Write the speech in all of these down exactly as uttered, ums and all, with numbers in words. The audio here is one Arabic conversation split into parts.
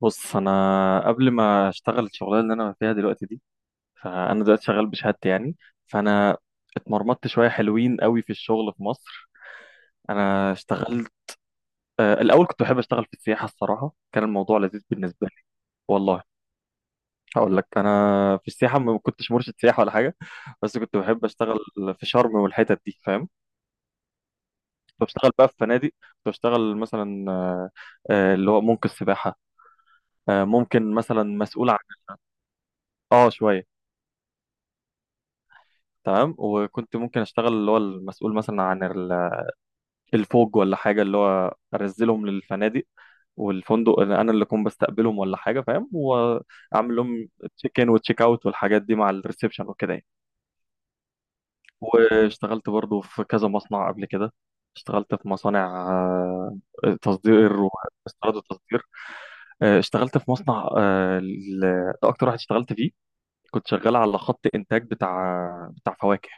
بص، انا قبل ما اشتغل الشغلانه اللي انا فيها دلوقتي دي، فانا دلوقتي شغال بشهادتي يعني. فانا اتمرمطت شويه حلوين قوي في الشغل في مصر. انا اشتغلت آه، الاول كنت بحب اشتغل في السياحه، الصراحه كان الموضوع لذيذ بالنسبه لي. والله هقول لك، انا في السياحه ما كنتش مرشد سياحه ولا حاجه، بس كنت بحب اشتغل في شرم والحتت دي، فاهم. كنت بشتغل بقى في فنادق، كنت بشتغل مثلا آه، آه، اللي هو ممكن السباحه، آه، ممكن مثلا مسؤول عن. اه شويه. تمام، وكنت ممكن اشتغل اللي هو المسؤول مثلا عن ال- الفوج ولا حاجه، اللي هو انزلهم للفنادق والفندق، اللي انا اللي اكون بستقبلهم ولا حاجه، فاهم، واعمل لهم تشيك ان وتشيك اوت والحاجات دي مع الريسبشن وكده يعني. واشتغلت برضو في كذا مصنع قبل كده. اشتغلت في مصانع آه، تصدير واستيراد وتصدير. آه، اشتغلت في مصنع آه، ال- ده اكتر واحد اشتغلت فيه. كنت شغال على خط انتاج بتاع بتاع فواكه.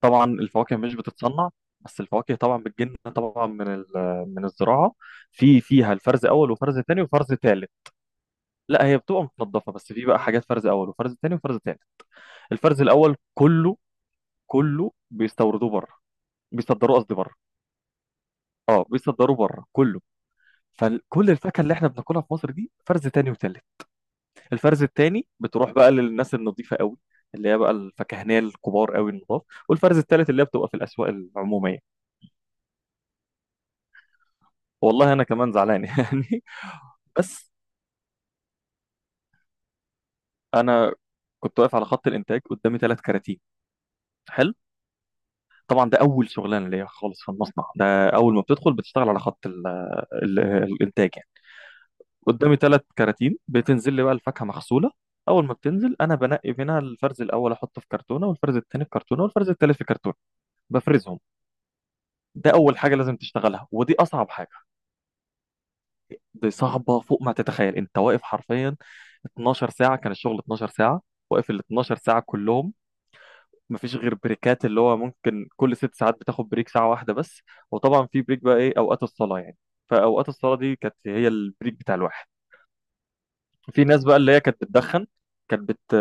طبعا الفواكه مش بتتصنع، بس الفواكه طبعا بتجن طبعا من ال- من الزراعه. في فيها الفرز اول وفرز تاني وفرز تالت. لا، هي بتبقى متنضفه، بس في بقى حاجات فرز اول وفرز تاني وفرز تالت. الفرز الاول كله كله بيستوردوه بره، بيصدروه قصدي بره. اه، بيصدروه بره كله. فكل الفاكهه اللي احنا بناكلها في مصر دي فرز تاني وتالت. الفرز التاني بتروح بقى للناس النظيفه قوي، اللي هي بقى الفكهنيه الكبار قوي النضاف. والفرز التالت اللي هي بتبقى في الاسواق العموميه. والله انا كمان زعلان يعني. بس انا كنت واقف على خط الانتاج، قدامي ثلاث كراتين. حلو. طبعا ده اول شغلانه ليا خالص في المصنع ده. اول ما بتدخل بتشتغل على خط ال ال الانتاج يعني. قدامي ثلاث كراتين بتنزل لي بقى الفاكهه مغسوله. اول ما بتنزل انا بنقي منها الفرز الاول احطه في كرتونه، والفرز الثاني في كرتونه، والفرز الثالث في كرتونه. بفرزهم. ده اول حاجه لازم تشتغلها، ودي اصعب حاجه. دي صعبه فوق ما تتخيل. انت واقف حرفيا اتناشر ساعه، كان الشغل اتناشر ساعه. واقف ال اتناشر ساعه كلهم. مفيش غير بريكات، اللي هو ممكن كل ست ساعات بتاخد بريك ساعة واحدة بس. وطبعا في بريك بقى ايه؟ اوقات الصلاة يعني. فاوقات الصلاة دي كانت هي البريك بتاع الواحد. في ناس بقى اللي هي كانت بتدخن، كانت بت...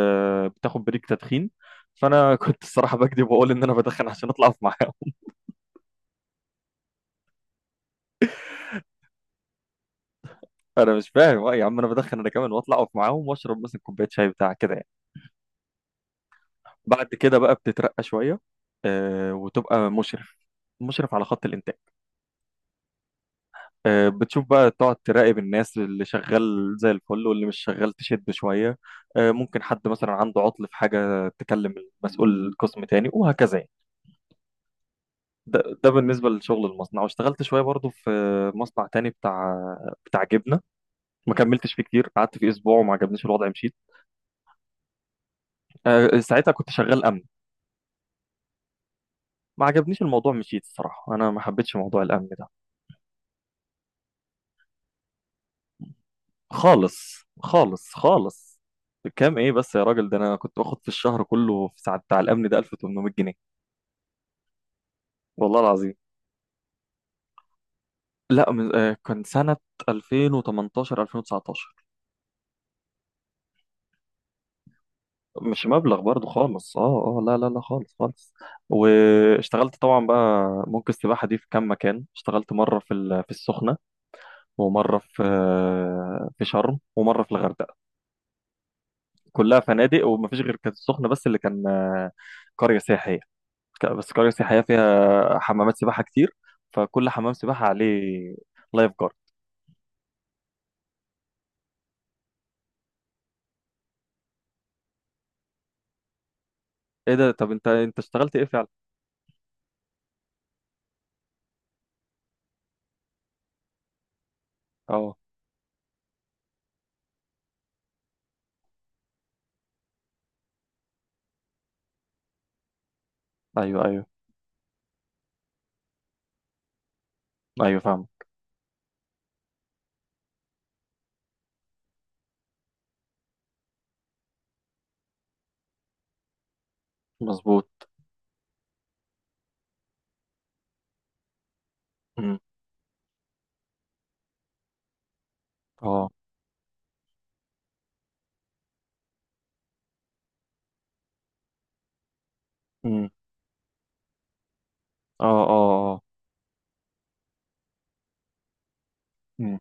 بتاخد بريك تدخين. فانا كنت الصراحة بكذب واقول ان انا بدخن عشان اطلع اقف معاهم. انا مش فاهم، آه يا عم انا بدخن انا كمان، واطلع اقف معاهم واشرب مثلا كوباية شاي بتاع كده يعني. بعد كده بقى بتترقى شوية، آه وتبقى مشرف، مشرف على خط الانتاج. آه، بتشوف بقى، تقعد تراقب الناس، اللي شغال زي الفل واللي مش شغال تشد شوية. آه، ممكن حد مثلا عنده عطل في حاجة تكلم مسؤول القسم تاني وهكذا يعني. ده, ده بالنسبة لشغل المصنع. واشتغلت شوية برضو في مصنع تاني بتاع بتاع جبنة. ما كملتش فيه كتير، قعدت فيه أسبوع وما عجبنيش الوضع مشيت. آه، ساعتها كنت شغال أمن. ما عجبنيش الموضوع مشيت، الصراحة أنا ما حبيتش موضوع الأمن ده خالص خالص خالص. كام ايه بس يا راجل؟ ده انا كنت باخد في الشهر كله في ساعة بتاع الامن ده ألف وتمنمية جنيه. والله العظيم. لا، من آه، كان سنة ألفين وتمنتاشر ألفين وتسعتاشر. مش مبلغ برضو خالص، اه اه. لا لا لا، خالص خالص. واشتغلت طبعا بقى ممكن السباحة دي في كام مكان. اشتغلت مرة في ال- في السخنة، ومرة في آه، في شرم، ومرة في الغردقة. كلها فنادق، ومفيش غير كانت السخنة بس اللي كان آه، قرية سياحية. ك- بس قرية سياحية فيها حمامات سباحة كتير. فكل حمام سباحة عليه لايف جارد. ايه ده؟ طب انت انت اشتغلت ايه فعلا؟ اه. ايوه ايوه ايوه فاهم. مظبوط. مم. اه. مم. اه اه اه. مم.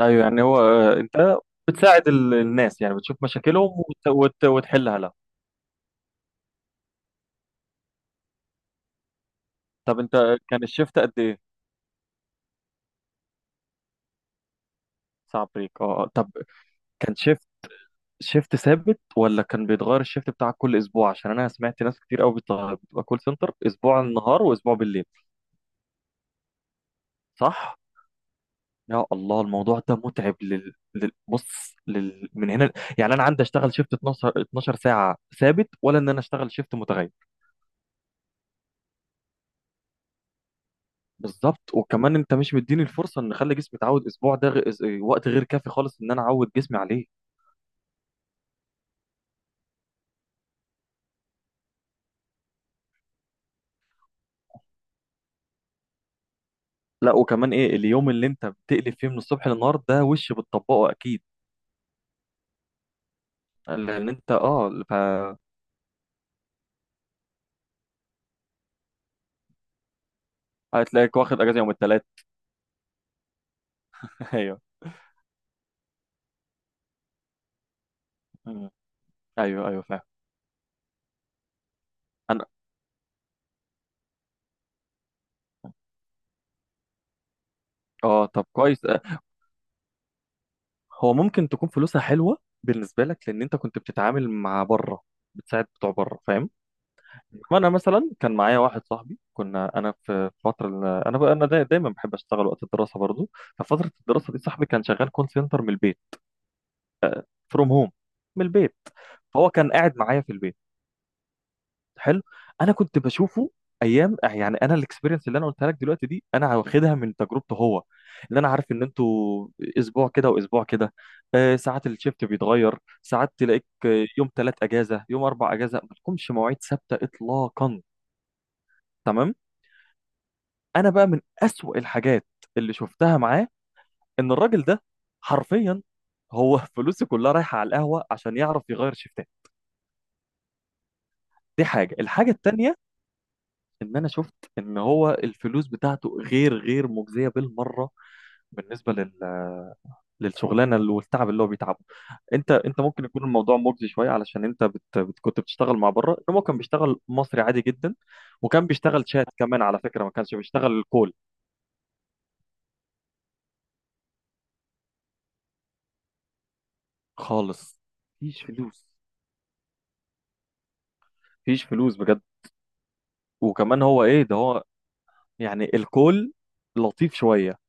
ايوه يعني هو، آه، انت بتساعد ال- الناس يعني، بتشوف مشاكلهم وت... وت... وتحلها لها. طب انت، كان الشيفت قد ايه؟ صعب بريك، اه، آه. طب كان شيفت، شيفت ثابت ولا كان بيتغير الشيفت بتاعك كل اسبوع؟ عشان انا سمعت ناس كتير قوي بتبقى بتبقى كول سنتر اسبوع النهار واسبوع بالليل. صح. يا الله الموضوع ده متعب لل... لل... بص لل... من هنا. يعني انا عندي اشتغل شيفت اثنتا عشرة اتناشر ساعة ثابت، ولا ان انا اشتغل شيفت متغير. بالظبط. وكمان انت مش مديني الفرصه ان اخلي جسمي يتعود. اسبوع ده غ... اس- وقت غير كافي خالص ان انا اعود جسمي عليه. لا وكمان ايه؟ اليوم اللي انت بتقلب فيه من الصبح للنهار ده وش بتطبقه اكيد. لان انت اه ف... هتلاقيك واخد اجازه يوم الثلاث. ايوه. مم. ايوه ايوه فاهم. انا اه، طب كويس، اه، هو ممكن تكون فلوسها حلوه بالنسبه لك لان انت كنت بتتعامل مع بره، بتساعد بتوع بره، فاهم. ما انا مثلا كان معايا واحد صاحبي. كنا انا في فتره ال- انا بقى انا داي- دايما بحب اشتغل وقت الدراسه برضو. ففتره الدراسه دي صاحبي كان شغال كول سنتر من البيت. فروم هوم، من البيت. فهو كان قاعد معايا في البيت. حلو. انا كنت بشوفه ايام يعني. انا الاكسبيرينس اللي انا قلتها لك دلوقتي دي انا واخدها من تجربته هو. اللي انا عارف ان انتوا اسبوع كده واسبوع كده، آه، ساعات الشيفت بيتغير، ساعات تلاقيك آه، يوم ثلاث اجازه يوم اربع اجازه، ما لكمش مواعيد ثابته اطلاقا. تمام. انا بقى من اسوأ الحاجات اللي شفتها معاه ان الراجل ده حرفيا هو فلوسه كلها رايحه على القهوه عشان يعرف يغير شيفتات. دي حاجه. الحاجه التانيه ان انا شفت ان هو الفلوس بتاعته غير غير مجزيه بالمره بالنسبه لل... للشغلانه اللي- والتعب اللي هو بيتعبه. انت انت ممكن يكون الموضوع مجزي شويه علشان انت بت... بت... كنت بتشتغل مع بره، انما هو كان بيشتغل مصري عادي جدا. وكان بيشتغل شات كمان على فكره، ما كانش بيشتغل الكول. خالص. مفيش فلوس، مفيش فلوس بجد. وكمان هو ايه ده؟ هو يعني الكول لطيف شويه،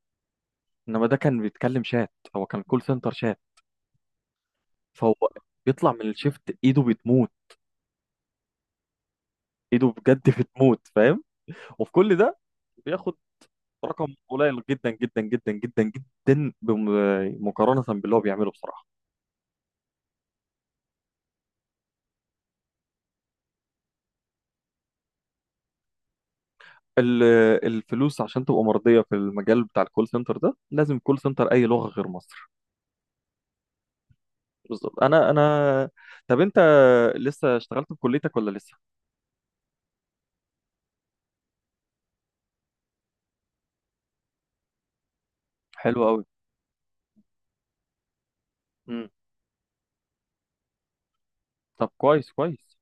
انما ده كان بيتكلم شات، هو كان كول سنتر شات. فهو بيطلع من الشيفت ايده بتموت، ايده بجد بتموت، فاهم. وفي كل ده بياخد رقم قليل جدا جدا جدا جدا جدا بم- مقارنه باللي هو بيعمله بصراحه. ال- الفلوس عشان تبقى مرضيه في المجال بتاع الكول سنتر ده لازم كول سنتر اي لغه غير مصر. بالظبط. انا انا طب انت لسه اشتغلت في كليتك ولا لسه؟ حلو قوي. امم. طب كويس كويس.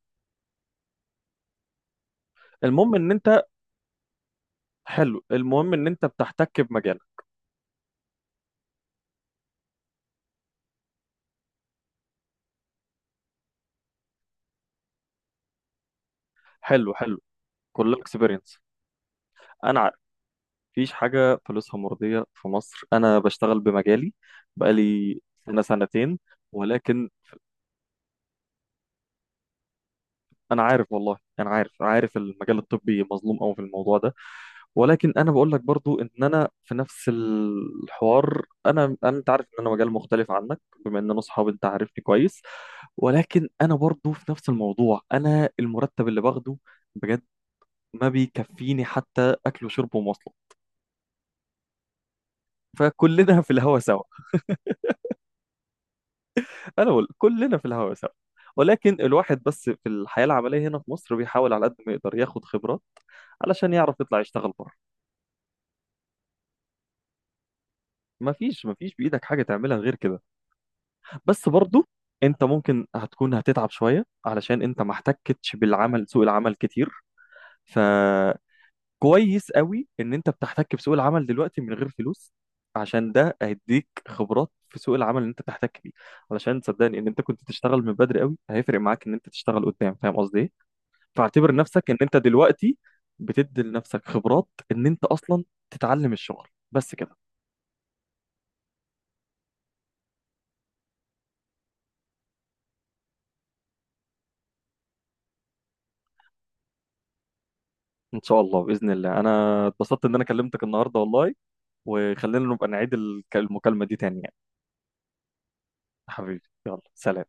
المهم ان انت، حلو، المهم ان انت بتحتك بمجالك. حلو حلو. كلها اكسبيرينس. انا عارف. مفيش حاجه فلوسها مرضيه في مصر، انا بشتغل بمجالي بقالي سنه سنتين، ولكن انا عارف، والله انا عارف، عارف المجال الطبي مظلوم قوي في الموضوع ده. ولكن انا بقول لك برضو ان انا في نفس الحوار. انا أنا- انت عارف ان انا مجال مختلف عنك، بما ان انا صحابي انت عارفني كويس. ولكن انا برضو في نفس الموضوع، انا المرتب اللي باخده بجد ما بيكفيني حتى اكل وشرب ومواصلات. فكلنا في الهوا سوا. انا بقول كلنا في الهوا سوا، ولكن الواحد بس في الحياة العملية هنا في مصر بيحاول على قد ما يقدر ياخد خبرات علشان يعرف يطلع يشتغل بره. ما فيش ما فيش بإيدك حاجة تعملها غير كده. بس برضو انت ممكن هتكون هتتعب شوية علشان انت ما احتكتش بالعمل سوق العمل كتير. ف كويس قوي ان انت بتحتك بسوق العمل دلوقتي من غير فلوس، عشان ده هيديك خبرات في سوق العمل اللي انت بتحتك بيه. علشان صدقني، ان انت كنت تشتغل من بدري قوي هيفرق معاك ان انت تشتغل قدام، فاهم قصدي ايه. فاعتبر نفسك ان انت دلوقتي بتدي لنفسك خبرات، ان انت اصلا تتعلم الشغل بس كده. ان شاء الله، باذن الله انا اتبسطت ان انا كلمتك النهارده والله. وخلينا نبقى نعيد الك- المكالمه دي تاني يعني. حبيبي، يلا سلام.